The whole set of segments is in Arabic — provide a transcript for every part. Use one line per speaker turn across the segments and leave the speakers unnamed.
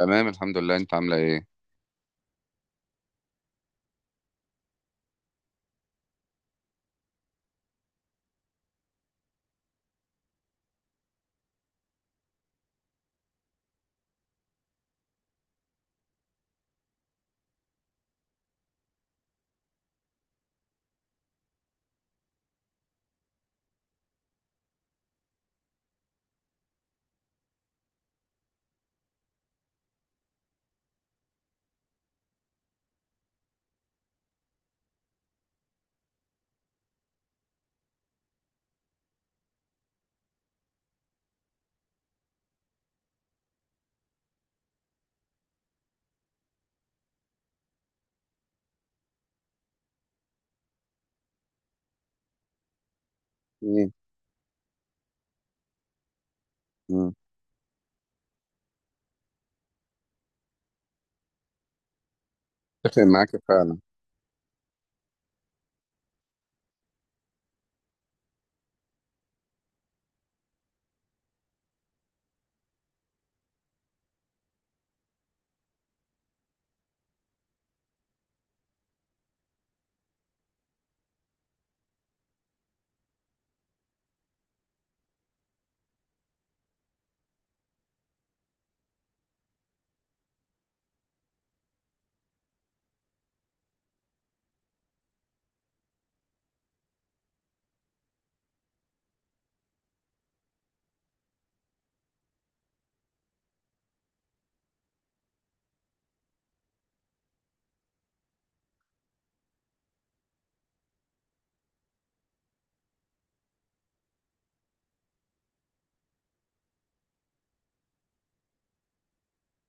تمام، الحمد لله. انت عامله ايه؟ مم. مم. اتفق معاك فعلا.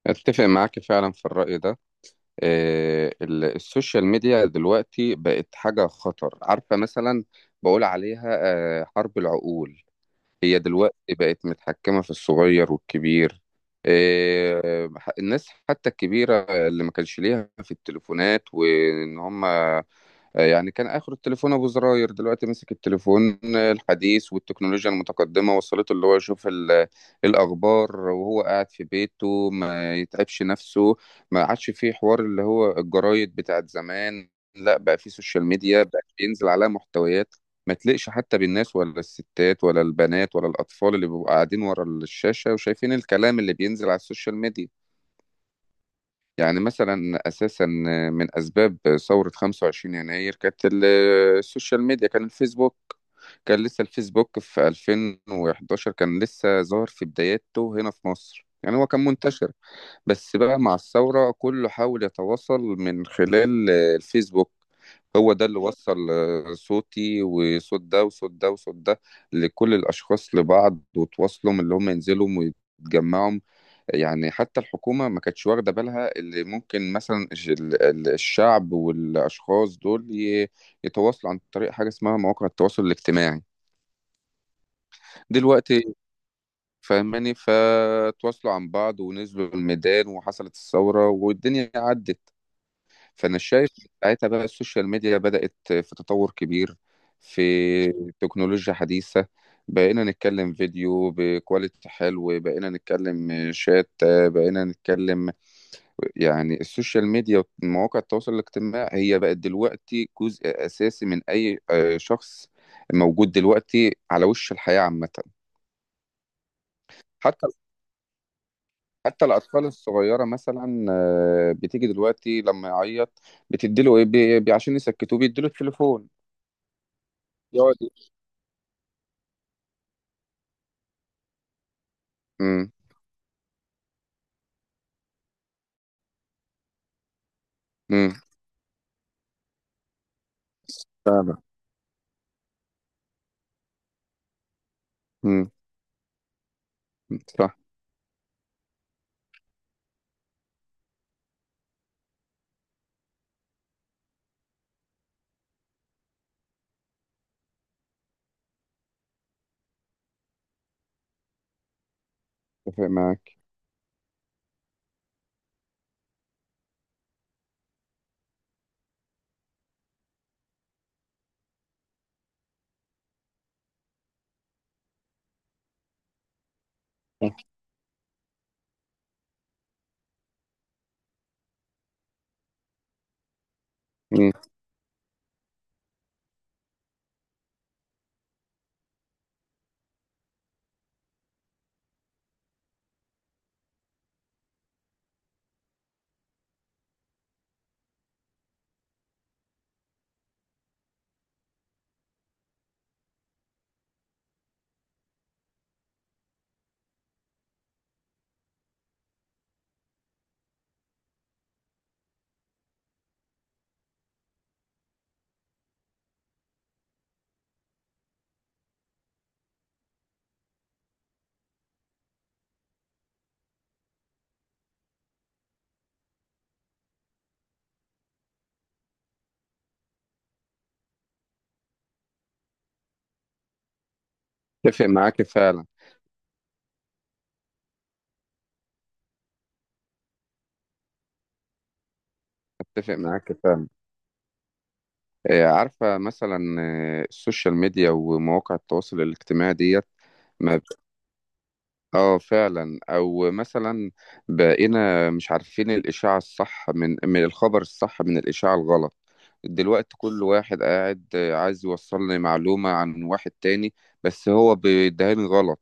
اتفق معاك فعلا في الرأي ده. السوشيال ميديا دلوقتي بقت حاجة خطر، عارفة؟ مثلا بقول عليها حرب العقول. هي دلوقتي بقت متحكمة في الصغير والكبير. الناس حتى الكبيرة اللي ما كانش ليها في التليفونات وان هم، يعني كان آخر التليفون أبو زراير. دلوقتي ماسك التليفون، الحديث والتكنولوجيا المتقدمة وصلته. اللي هو يشوف الأخبار وهو قاعد في بيته ما يتعبش نفسه. ما عادش فيه حوار اللي هو الجرايد بتاعت زمان، لا بقى فيه سوشيال ميديا بقى بينزل عليها محتويات ما تليقش حتى بالناس، ولا الستات، ولا البنات، ولا الأطفال اللي بيبقوا قاعدين ورا الشاشة وشايفين الكلام اللي بينزل على السوشيال ميديا. يعني مثلا اساسا من اسباب ثوره 25 يناير كانت السوشيال ميديا، كان الفيسبوك. كان لسه الفيسبوك في 2011، كان لسه ظاهر في بداياته هنا في مصر، يعني هو كان منتشر بس بقى مع الثوره. كله حاول يتواصل من خلال الفيسبوك. هو ده اللي وصل صوتي وصوت ده وصوت ده وصوت ده لكل الاشخاص لبعض، وتواصلهم اللي هم ينزلوا ويتجمعوا. يعني حتى الحكومة ما كانتش واخدة بالها اللي ممكن مثلا الشعب والأشخاص دول يتواصلوا عن طريق حاجة اسمها مواقع التواصل الاجتماعي. دلوقتي فاهماني؟ فتواصلوا عن بعض ونزلوا الميدان وحصلت الثورة والدنيا عدت. فأنا شايف ساعتها بقى السوشيال ميديا بدأت في تطور كبير، في تكنولوجيا حديثة. بقينا نتكلم فيديو بكواليتي حلو، بقينا نتكلم شات، بقينا نتكلم. يعني السوشيال ميديا ومواقع التواصل الاجتماعي هي بقت دلوقتي جزء أساسي من أي شخص موجود دلوقتي على وش الحياة عامة. حتى حتى الأطفال الصغيرة، مثلا بتيجي دلوقتي لما يعيط بتديله إيه؟ عشان يسكتوه بيديله التليفون يقعد. امم. امم. فعلا. امم. صح. اتفق معاك. امم. اتفق معاك فعلا. اتفق معاك فعلا. عارفة مثلا السوشيال ميديا ومواقع التواصل الاجتماعي ديت ما. اه، فعلا. او مثلا بقينا مش عارفين الاشاعة الصح من الخبر الصح من الاشاعة الغلط. دلوقتي كل واحد قاعد عايز يوصل لي معلومة عن واحد تاني بس هو بيدهني غلط.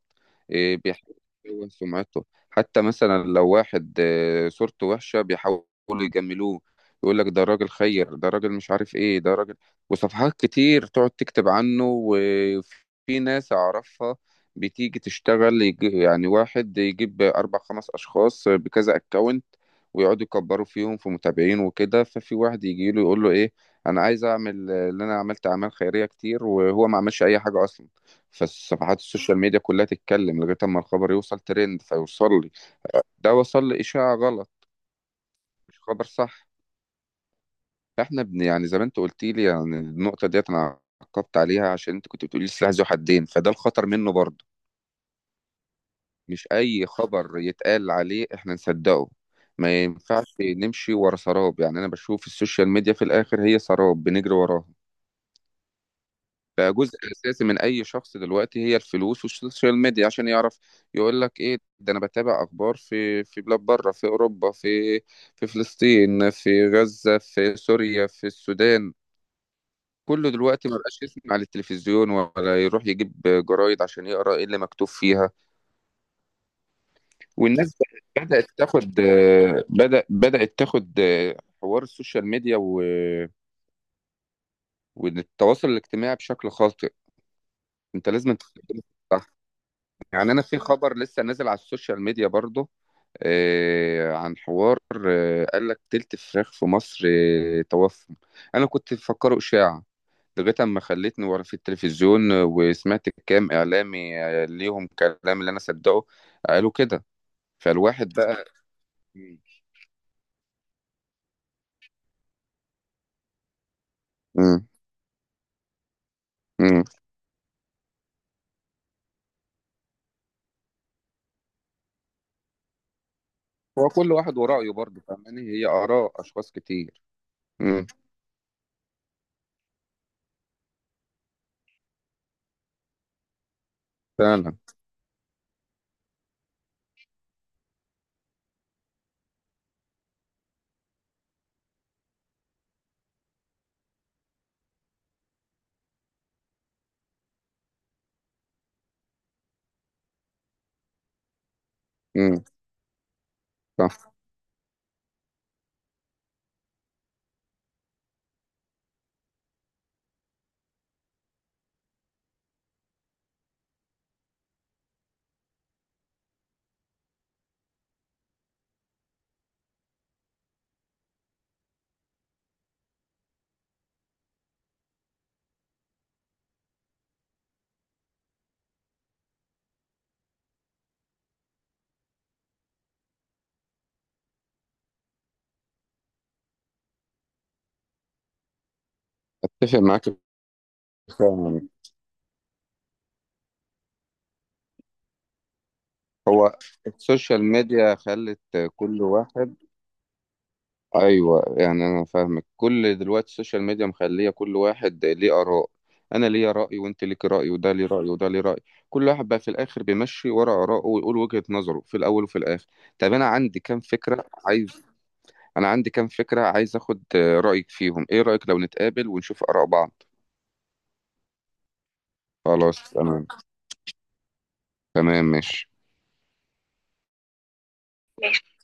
بيحاول يكون سمعته. حتى مثلا لو واحد صورته وحشة بيحاولوا يجملوه، يقول لك ده راجل خير، ده راجل مش عارف ايه، ده راجل، وصفحات كتير تقعد تكتب عنه. وفي ناس اعرفها بتيجي تشتغل، يجي يعني واحد يجيب أربع خمس أشخاص بكذا أكونت ويقعدوا يكبروا فيهم في متابعين وكده. ففي واحد يجي له يقول له إيه، أنا عايز أعمل اللي أنا عملت أعمال خيرية كتير، وهو ما عملش أي حاجة أصلا. فالصفحات السوشيال ميديا كلها تتكلم لغاية أما الخبر يوصل ترند فيوصل لي. ده وصل لي إشاعة غلط، مش خبر صح. فإحنا يعني زي ما أنت قلت لي، يعني النقطة ديت أنا عقبت عليها عشان أنت كنت بتقولي السلاح ذو حدين، فده الخطر منه برضه. مش اي خبر يتقال عليه احنا نصدقه. ما ينفعش نمشي ورا سراب. يعني انا بشوف السوشيال ميديا في الاخر هي سراب بنجري وراها. بقى جزء اساسي من اي شخص دلوقتي هي الفلوس والسوشيال ميديا، عشان يعرف يقول لك ايه ده. انا بتابع اخبار في بلاد بره، في اوروبا، في فلسطين، في غزة، في سوريا، في السودان. كله دلوقتي ما بقاش يسمع على التلفزيون، ولا يروح يجيب جرايد عشان يقرا ايه اللي مكتوب فيها. والناس بدأت تاخد حوار السوشيال ميديا والتواصل الاجتماعي بشكل خاطئ. انت لازم تستخدمه صح. يعني انا في خبر لسه نازل على السوشيال ميديا برضه، عن حوار، قال لك تلت فراخ في مصر توفى. انا كنت مفكره اشاعة لغايه اما خلتني ورا في التلفزيون، وسمعت كام اعلامي ليهم كلام اللي انا صدقه قالوا كده. فالواحد بقى. مم. مم. هو كل واحد ورأيه برضه، فاهماني؟ هي آراء أشخاص كتير. امم. فعلا. امم. صح. أتفق معاك فعلا. هو السوشيال ميديا خلت كل واحد. أيوه، يعني أنا فاهمك. كل دلوقتي السوشيال ميديا مخلية كل واحد ليه آراء، أنا ليا رأي وأنت ليك رأي وده ليه رأي وده ليه رأي. كل واحد بقى في الآخر بيمشي ورا آراءه ويقول وجهة نظره في الأول وفي الآخر. طب أنا عندي كام فكرة عايز. آخد رأيك فيهم. إيه رأيك لو نتقابل ونشوف آراء بعض؟ خلاص تمام. تمام ماشي.